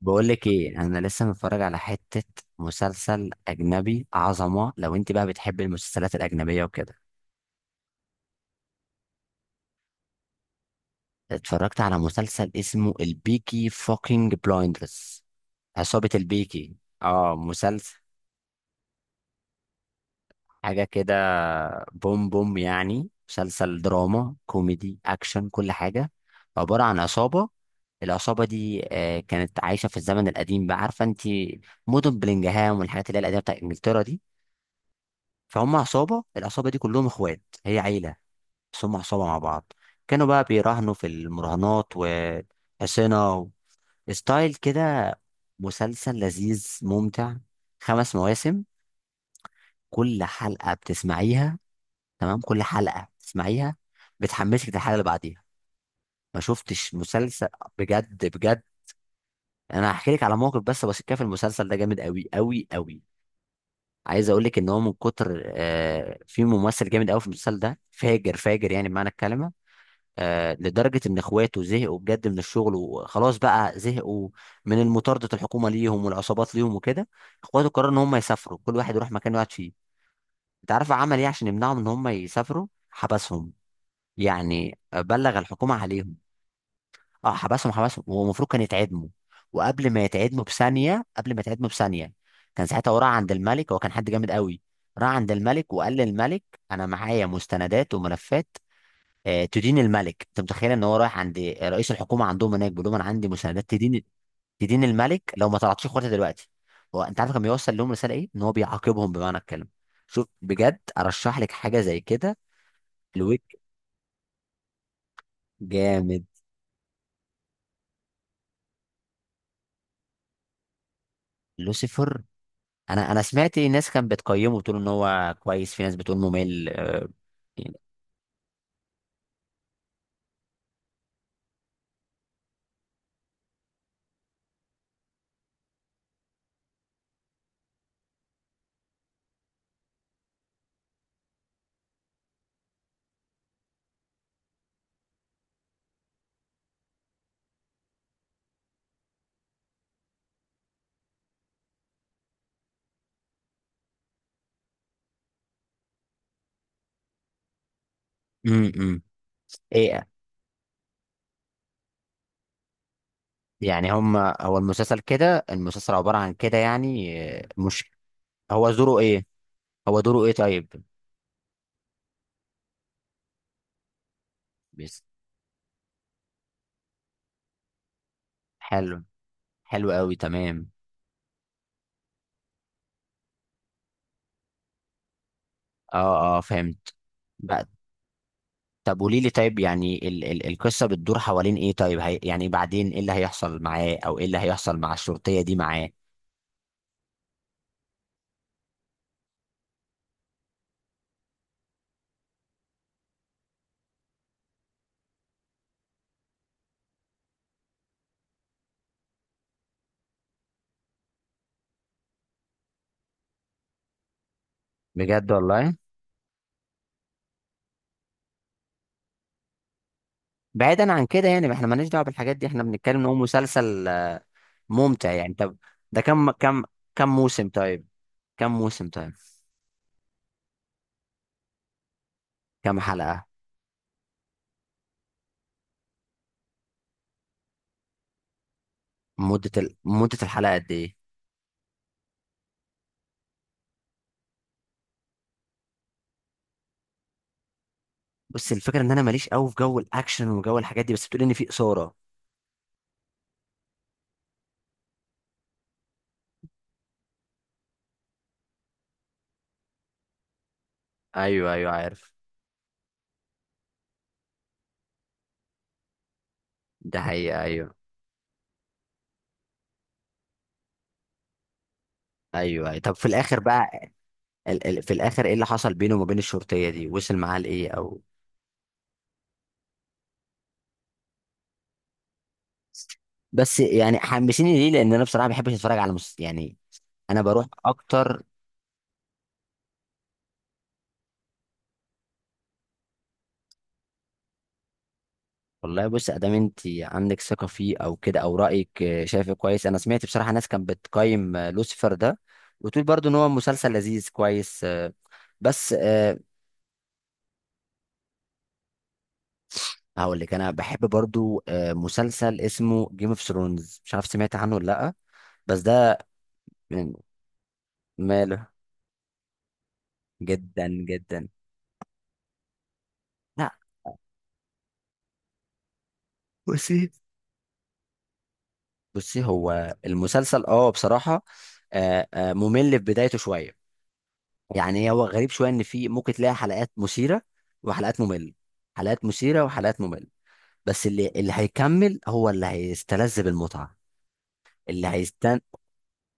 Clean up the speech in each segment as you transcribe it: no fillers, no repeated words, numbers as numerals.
بقول لك ايه، انا لسه متفرج على حته مسلسل اجنبي عظمه. لو انت بقى بتحب المسلسلات الاجنبيه وكده، اتفرجت على مسلسل اسمه البيكي فوكينج بلايندرز. عصابه البيكي، اه مسلسل حاجه كده، بوم بوم، يعني مسلسل دراما كوميدي اكشن كل حاجه. عباره عن عصابه. العصابه دي كانت عايشه في الزمن القديم. بقى عارفه انت مدن بلينجهام والحاجات اللي هي القديمه بتاعت انجلترا دي. فهم عصابة، العصابة دي كلهم اخوات، هي عيلة بس هم عصابة مع بعض. كانوا بقى بيراهنوا في المراهنات وحصينة ستايل كده. مسلسل لذيذ ممتع، خمس مواسم، كل حلقة بتسمعيها. تمام، كل حلقة بتسمعيها بتحمسك للحلقة اللي بعديها. ما شفتش مسلسل بجد بجد. انا هحكي لك على موقف بس كده في المسلسل ده جامد قوي قوي قوي. عايز اقول لك ان هو من كتر في ممثل جامد قوي في المسلسل ده، فاجر فاجر يعني بمعنى الكلمة. آه، لدرجة إن إخواته زهقوا بجد من الشغل وخلاص بقى زهقوا من المطاردة، الحكومة ليهم والعصابات ليهم وكده. إخواته قرروا إن هم يسافروا، كل واحد يروح مكان يقعد فيه. أنت عارف عمل إيه عشان يمنعهم إن هم يسافروا؟ حبسهم. يعني بلغ الحكومة عليهم. أه حبسهم حبسهم، هو المفروض كان يتعدموا. وقبل ما يتعدموا بثانية، قبل ما يتعدموا بثانية، كان ساعتها هو راح عند الملك. هو كان حد جامد قوي. راح عند الملك وقال للملك، أنا معايا مستندات وملفات، تدين الملك. انت متخيل ان هو رايح عند رئيس الحكومه عندهم هناك بيقول لهم انا عندي مساندات تدين، تدين الملك، لو ما طلعتش اخواتي دلوقتي. هو انت عارف كان بيوصل لهم رساله ايه؟ ان هو بيعاقبهم بمعنى الكلمه. شوف بجد، ارشح لك حاجه زي كده الويك، جامد. لوسيفر، انا سمعت ناس كانت بتقيمه بتقول ان هو كويس، في ناس بتقول ممل يعني. امم امم. ايه، يعني هم هو المسلسل كده؟ المسلسل عباره عن كده يعني مش هو دوره ايه؟ هو دوره ايه طيب؟ بس حلو، حلو قوي تمام. اه اه، فهمت بقى. طب قولي لي طيب، يعني ال القصه بتدور حوالين ايه طيب؟ هي يعني بعدين ايه اللي هيحصل معاه، او ايه اللي هيحصل مع الشرطيه دي معاه؟ بجد والله. بعيدا عن كده يعني، احنا مالناش دعوه بالحاجات دي، احنا بنتكلم ان هو مسلسل ممتع يعني. طب ده كم كم موسم طيب؟ كم موسم طيب؟ كم حلقه؟ مده الحلقه قد ايه؟ بص، الفكره ان انا ماليش قوي في جو الاكشن وجو الحاجات دي، بس بتقول ان في اثاره. ايوه ايوه عارف. ده حقيقة. ايوه ايوه أيوة. طب في الاخر بقى، في الاخر ايه اللي حصل بينه وما بين الشرطيه دي؟ وصل معاه لايه او؟ بس يعني حمسيني ليه، لان انا بصراحه ما بحبش اتفرج على يعني. انا بروح اكتر. والله بص، ادام انت عندك ثقه فيه او كده او رايك شايفه كويس. انا سمعت بصراحه ناس كانت بتقيم لوسيفر ده، وتقول برضو ان هو مسلسل لذيذ كويس بس أه. هقول لك، انا بحب برضو مسلسل اسمه جيم اوف ثرونز، مش عارف سمعت عنه ولا لا؟ بس ده. من- ماله. جدا جدا. لا بصي، بصي هو المسلسل اه بصراحة ممل في بدايته شوية. يعني هو غريب شوية، ان في ممكن تلاقي حلقات مثيرة وحلقات ممل. حلقات مثيرة وحلقات ممل بس اللي هيكمل هو اللي هيستلذ بالمتعة. اللي هيست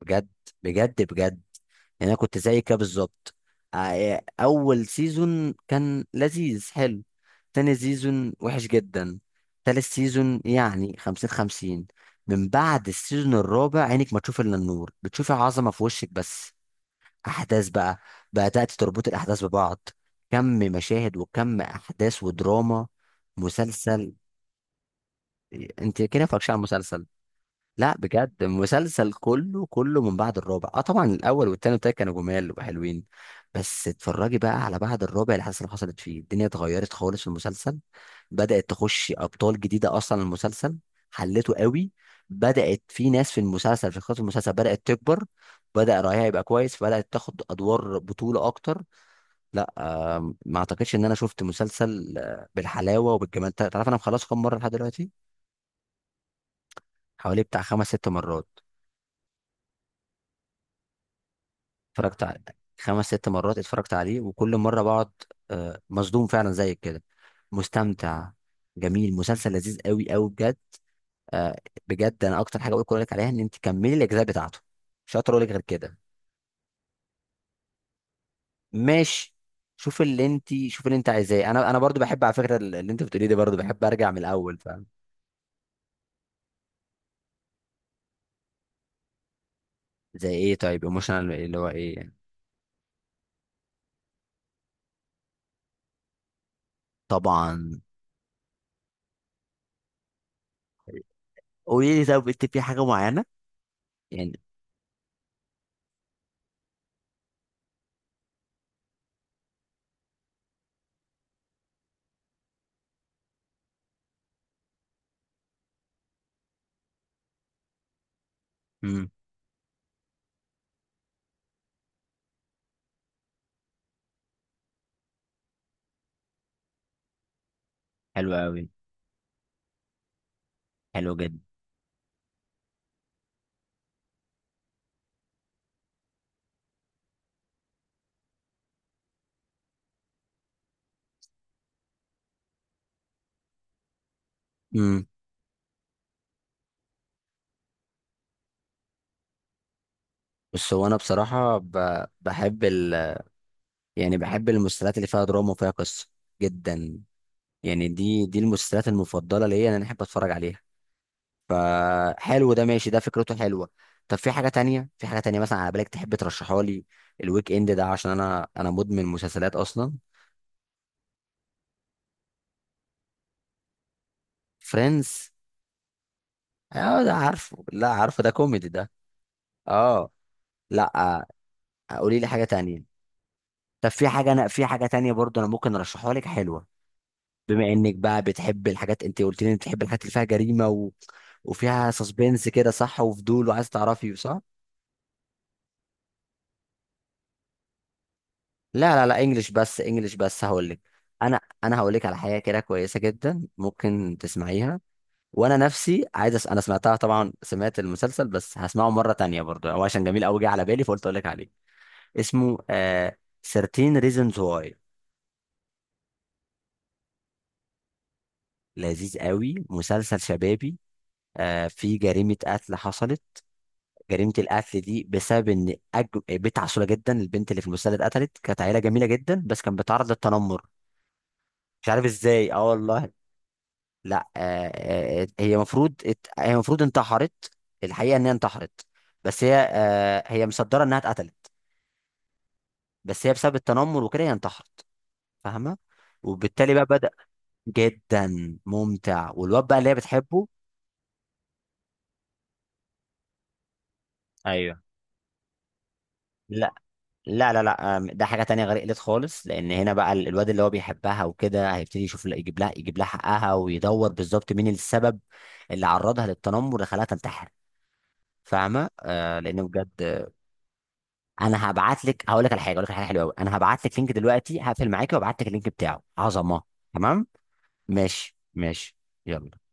بجد، بجد بجد. يعني انا كنت زي كده بالظبط. اول سيزون كان لذيذ حلو، تاني سيزون وحش جدا، تالت سيزون يعني خمسين خمسين. من بعد السيزون الرابع، عينك ما تشوف الا النور، بتشوفي عظمه في وشك بس. احداث بقى، بدات تربط الاحداث ببعض، كم مشاهد وكم احداث ودراما، مسلسل. إيه، انت كده مفكش على المسلسل. لا بجد مسلسل كله كله، من بعد الرابع. اه طبعا الاول والتاني والتالت كانوا جمال وحلوين، بس اتفرجي بقى على بعد الرابع، الحادثه اللي حصل حصلت فيه الدنيا اتغيرت خالص في المسلسل. بدات تخش ابطال جديده اصلا المسلسل، حلته قوي. بدات في ناس في المسلسل، في خط المسلسل بدات تكبر، بدا رايها يبقى كويس، فبدات تاخد ادوار بطوله اكتر. لا آه، ما اعتقدش ان انا شفت مسلسل بالحلاوه وبالجمال. تعرف انا مخلصه كام مره لحد دلوقتي؟ حوالي بتاع خمس ست مرات اتفرجت عليه، خمس ست مرات اتفرجت عليه وكل مرة بقعد مصدوم فعلا زيك كده، مستمتع. جميل، مسلسل لذيذ قوي قوي بجد آه، بجد. انا اكتر حاجة اقول لك عليها، ان انت كملي الاجزاء بتاعته. مش هقدر اقول لك غير كده. ماشي. شوف اللي انت عايزاه. انا برضو بحب على فكرة اللي انت بتقوليه ده، برضو بحب ارجع من الاول فاهم. زي ايه طيب؟ ايموشنال اللي هو ايه يعني؟ طبعا. قولي لي، طب انت في حاجة معينة؟ يعني. امم. حلو قوي، حلو جدا. بس هو انا بصراحه بحب يعني بحب المسلسلات اللي فيها دراما وفيها قصه، جدا. يعني دي المسلسلات المفضله ليا، إن انا احب اتفرج عليها. فحلو ده، ماشي، ده فكرته حلوه. طب في حاجه تانية؟ مثلا على بالك تحب ترشحها لي الويك اند ده؟ عشان انا مدمن مسلسلات اصلا. فريندز. اه ده عارفه، لا عارفه ده كوميدي ده. اه. لا. قولي لي حاجه تانية. طب في حاجه، انا في حاجه تانية برضو انا ممكن ارشحها لك حلوه. بما انك بقى بتحب الحاجات، انت قلت لي إنك بتحب الحاجات اللي فيها جريمه و، وفيها سسبنس كده، صح؟ وفضول وعايز تعرفي، صح؟ لا لا لا، انجلش بس، انجلش بس هقول لك. انا هقول لك على حاجه كده كويسه جدا ممكن تسمعيها. وانا نفسي عايز انا سمعتها طبعا، سمعت المسلسل بس هسمعه مره تانية برضو، هو عشان جميل قوي. جه على بالي فقلت اقول لك عليه. اسمه 13 reasons why. لذيذ قوي، مسلسل شبابي. في جريمه قتل حصلت، جريمة القتل دي بسبب إن بنت عسولة جدا، البنت اللي في المسلسل اتقتلت، كانت عيلة جميلة جدا بس كانت بتعرض للتنمر. مش عارف إزاي، أه والله. لا آه. هي المفروض هي المفروض انتحرت. الحقيقة إن هي انتحرت، بس هي آه هي مصدرة إنها اتقتلت، بس هي بسبب التنمر وكده هي انتحرت. فاهمة؟ وبالتالي بقى بدأ، جدا ممتع، والواد بقى اللي هي بتحبه. ايوه. لا لا لا، ده حاجة تانية غير قلت خالص. لأن هنا بقى الواد اللي هو بيحبها وكده هيبتدي يشوف، لا، يجيب لها، يجيب لها حقها، ويدور بالظبط مين السبب اللي عرضها للتنمر، اللي خلاها تنتحر. فاهمة؟ آه لأنه بجد. أنا هبعت لك، هقول لك على حاجة، حلوة أوي. أنا هبعت لك لينك دلوقتي، هقفل معاكي وابعت لك اللينك بتاعه. عظمة. تمام؟ ماشي ماشي، يلا.